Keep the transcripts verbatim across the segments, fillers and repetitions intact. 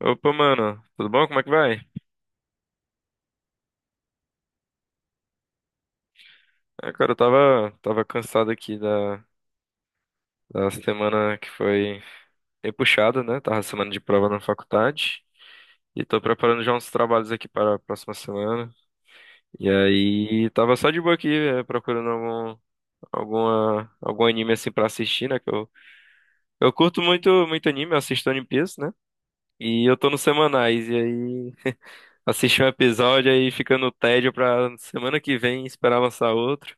Opa, mano, tudo bom? Como é que vai? Ah, cara, eu tava, tava cansado aqui da, da semana que foi bem puxada, né? Tava semana de prova na faculdade e tô preparando já uns trabalhos aqui para a próxima semana. E aí, tava só de boa aqui, eh, procurando algum, alguma, algum anime assim pra assistir, né? Que eu, eu curto muito, muito anime, eu assisto One Piece, né? E eu tô nos semanais, e aí assisti um episódio aí fica no tédio pra semana que vem esperar lançar outro.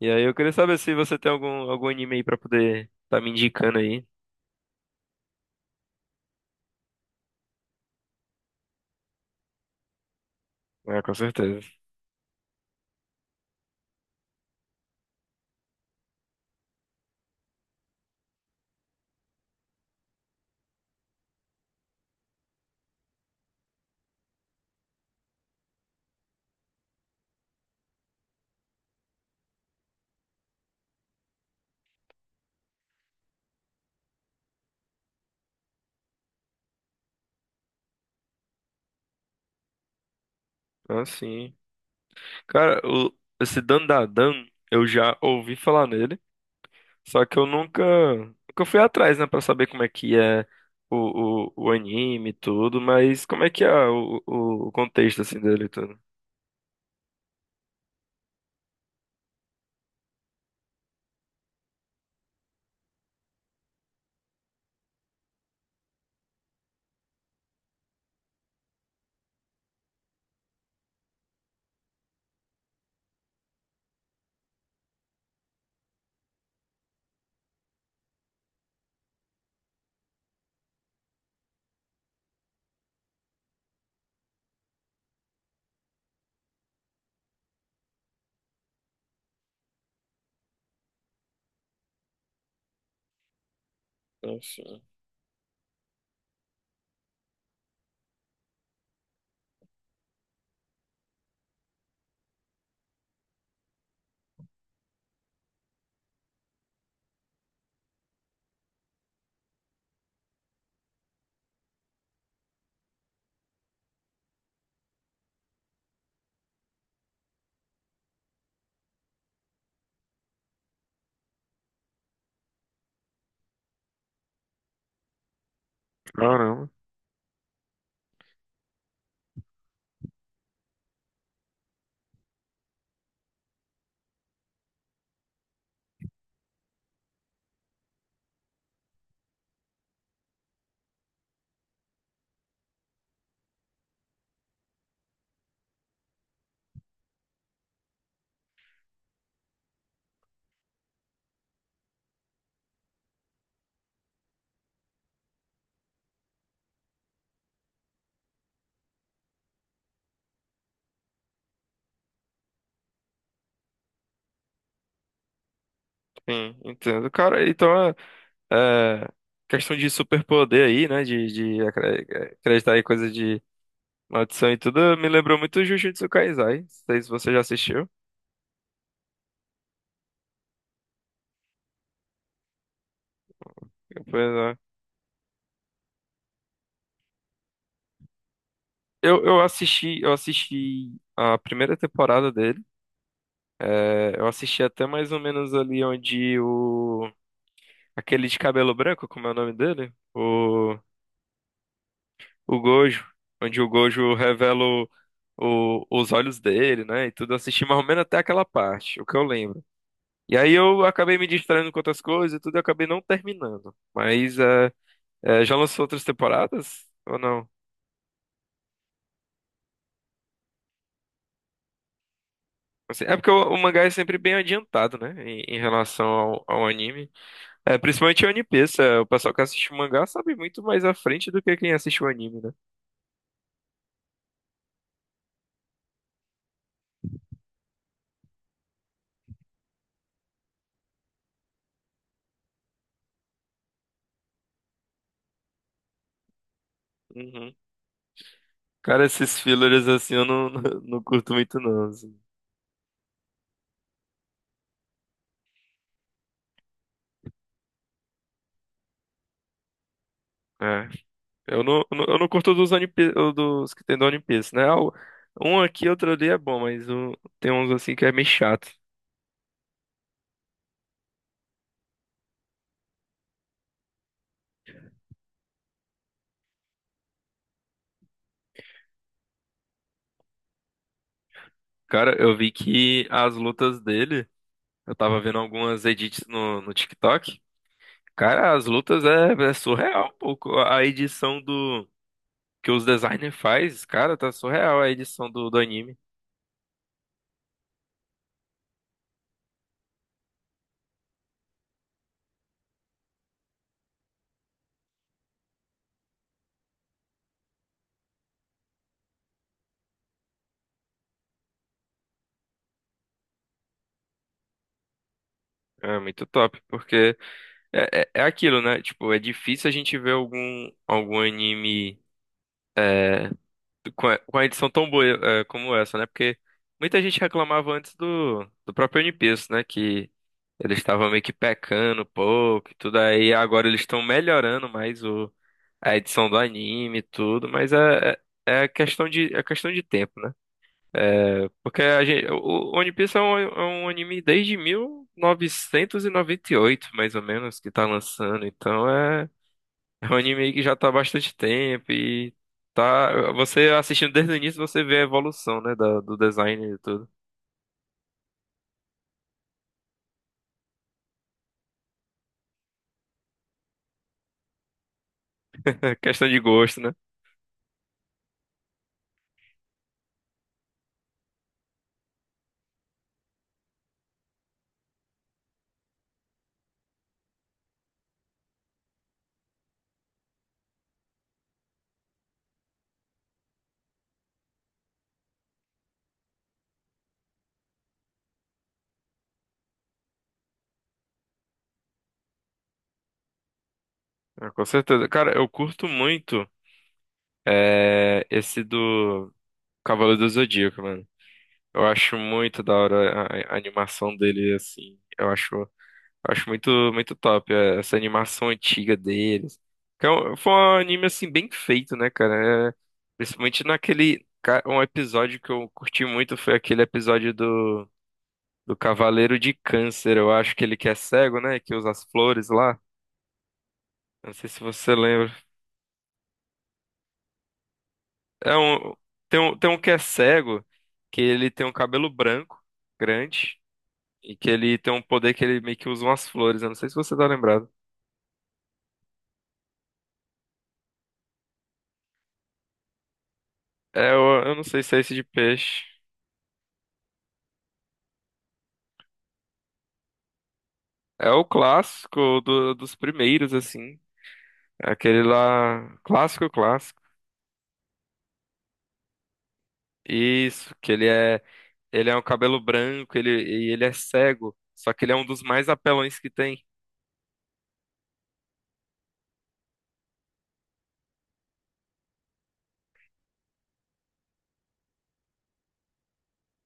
E aí eu queria saber se você tem algum, algum anime aí pra poder tá me indicando aí. É, com certeza. Ah, sim. Cara, o, esse Dandadan, eu já ouvi falar nele, só que eu nunca, nunca fui atrás, né, pra saber como é que é o, o, o anime e tudo, mas como é que é o, o, o contexto, assim, dele e tudo. Ah, sim. Caramba. Sim, entendo. Cara, então é, é questão de superpoder aí, né, de, de acre- acreditar em coisa de maldição e tudo me lembrou muito Jujutsu Kaisai. Não sei se você já assistiu. Eu, fui lá. eu eu assisti, eu assisti a primeira temporada dele. É, eu assisti até mais ou menos ali onde o aquele de cabelo branco, como é o nome dele? O o Gojo, onde o Gojo revela o, o- os olhos dele, né? E tudo, eu assisti mais ou menos até aquela parte, o que eu lembro. E aí eu acabei me distraindo com outras coisas e tudo, eu acabei não terminando. Mas é, é, já lançou outras temporadas ou não? Assim, é porque o, o mangá é sempre bem adiantado, né? Em, em relação ao, ao anime. É, principalmente o One Piece. É, o pessoal que assiste o mangá sabe muito mais à frente do que quem assiste o anime, né? Uhum. Cara, esses fillers assim eu não, não, não, curto muito, não assim. É. Eu não, eu não eu não curto dos, One Piece, dos que tem do One Piece, né? O- Um aqui, outro ali é bom, mas o- tem uns assim que é meio chato. Cara, eu vi que as lutas dele. Eu tava vendo algumas edits no, no TikTok. Cara, as lutas é, é surreal um pouco. A edição do que os designers faz, cara, tá surreal a edição do, do anime. É muito top, porque é, é, é aquilo, né? Tipo, é difícil a gente ver algum, algum anime. é, com a, com a edição tão boa, eh, como essa, né? Porque muita gente reclamava antes do, do próprio One Piece, né? Que eles estavam meio que pecando um pouco e tudo aí. Agora eles estão melhorando mais o, a edição do anime e tudo, mas é, é, é questão de, é questão de tempo, né? É, porque a gente, o o One Piece é um, é um anime desde mil novecentos e noventa e oito, mais ou menos, que tá lançando, então é é um anime que já tá há bastante tempo e tá. Você assistindo desde o início, você vê a evolução, né? da- do design e tudo. É questão de gosto, né? É, com certeza. Cara, eu curto muito, é, esse do Cavaleiro do Zodíaco, mano. Eu acho muito da hora a, a animação dele, assim. Eu acho. Eu Acho muito, muito top, é, essa animação antiga deles. Que é um- Foi um anime assim bem feito, né, cara? É, principalmente naquele. ca- Um episódio que eu curti muito foi aquele episódio do, do Cavaleiro de Câncer. Eu acho que ele que é cego, né? Que usa as flores lá. Não sei se você lembra. É um, tem um, tem um que é cego, que ele tem um cabelo branco, grande, e que ele tem um poder que ele meio que usa umas flores. Eu não sei se você tá lembrado. É, eu, eu não sei se é esse de peixe. É o clássico do- dos primeiros, assim. É aquele lá, clássico, clássico. Isso, que ele é, ele é um cabelo branco, ele, e ele é cego. Só que ele é um dos mais apelões que tem.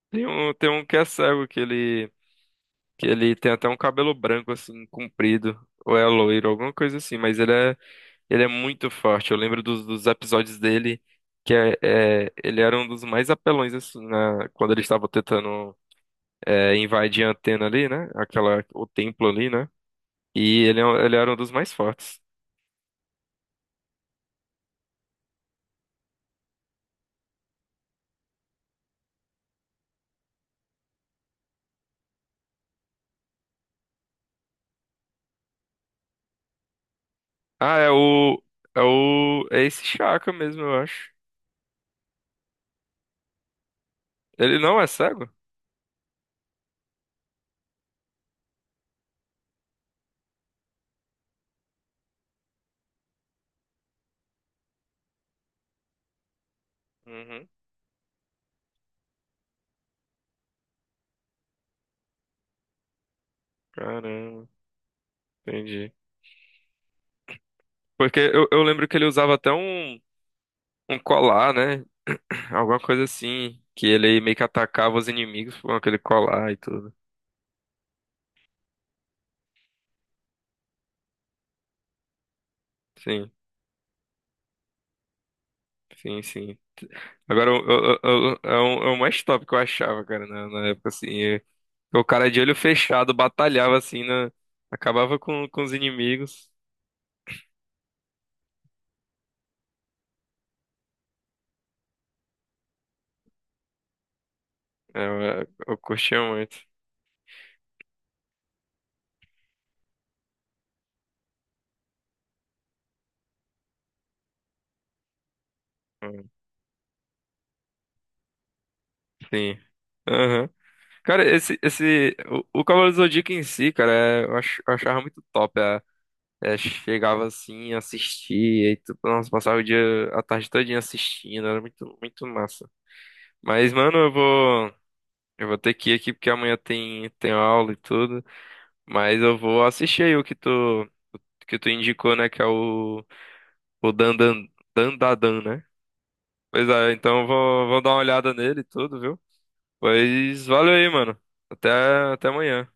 Tem um, tem um que é cego, que ele, que ele tem até um cabelo branco, assim, comprido. Ou é loiro, alguma coisa assim. Mas ele é, ele é muito forte. Eu lembro dos, dos episódios dele, que é, é- ele era um dos mais apelões, assim, na, quando ele estava tentando é, invadir a antena ali, né? Aquela, o templo ali, né? E ele, é um- ele era um dos mais fortes. Ah, é o, é o, é esse Chaka mesmo, eu acho. Ele não é cego? Uhum. Caramba, entendi. Porque eu, eu lembro que ele usava até um, um colar, né? Alguma coisa assim, que ele meio que atacava os inimigos com aquele colar e tudo. Sim, sim, sim. Agora, eu- eu- eu- eu- é um, é um mais top que eu achava, cara, na, na época, assim. O cara de olho fechado batalhava assim, né? Acabava com, com os inimigos. É, Eu, eu curtia muito. Hum. Sim. Aham. Cara, esse, esse, o, o Cavaleiro do Zodíaco em si, cara, é- eu, ach- eu achava muito top. É, é, chegava assim, assistia, e tu, nossa, passava o dia, a tarde todinha assistindo, era muito, muito massa. Mas, mano, eu vou, eu vou ter que ir aqui porque amanhã tem, tem aula e tudo. Mas eu vou assistir aí o que tu, que tu indicou, né, que é o O Dandan, Dandadan, né? Pois é, então eu vou, vou dar uma olhada nele e tudo, viu? Pois valeu aí, mano. Até, até amanhã.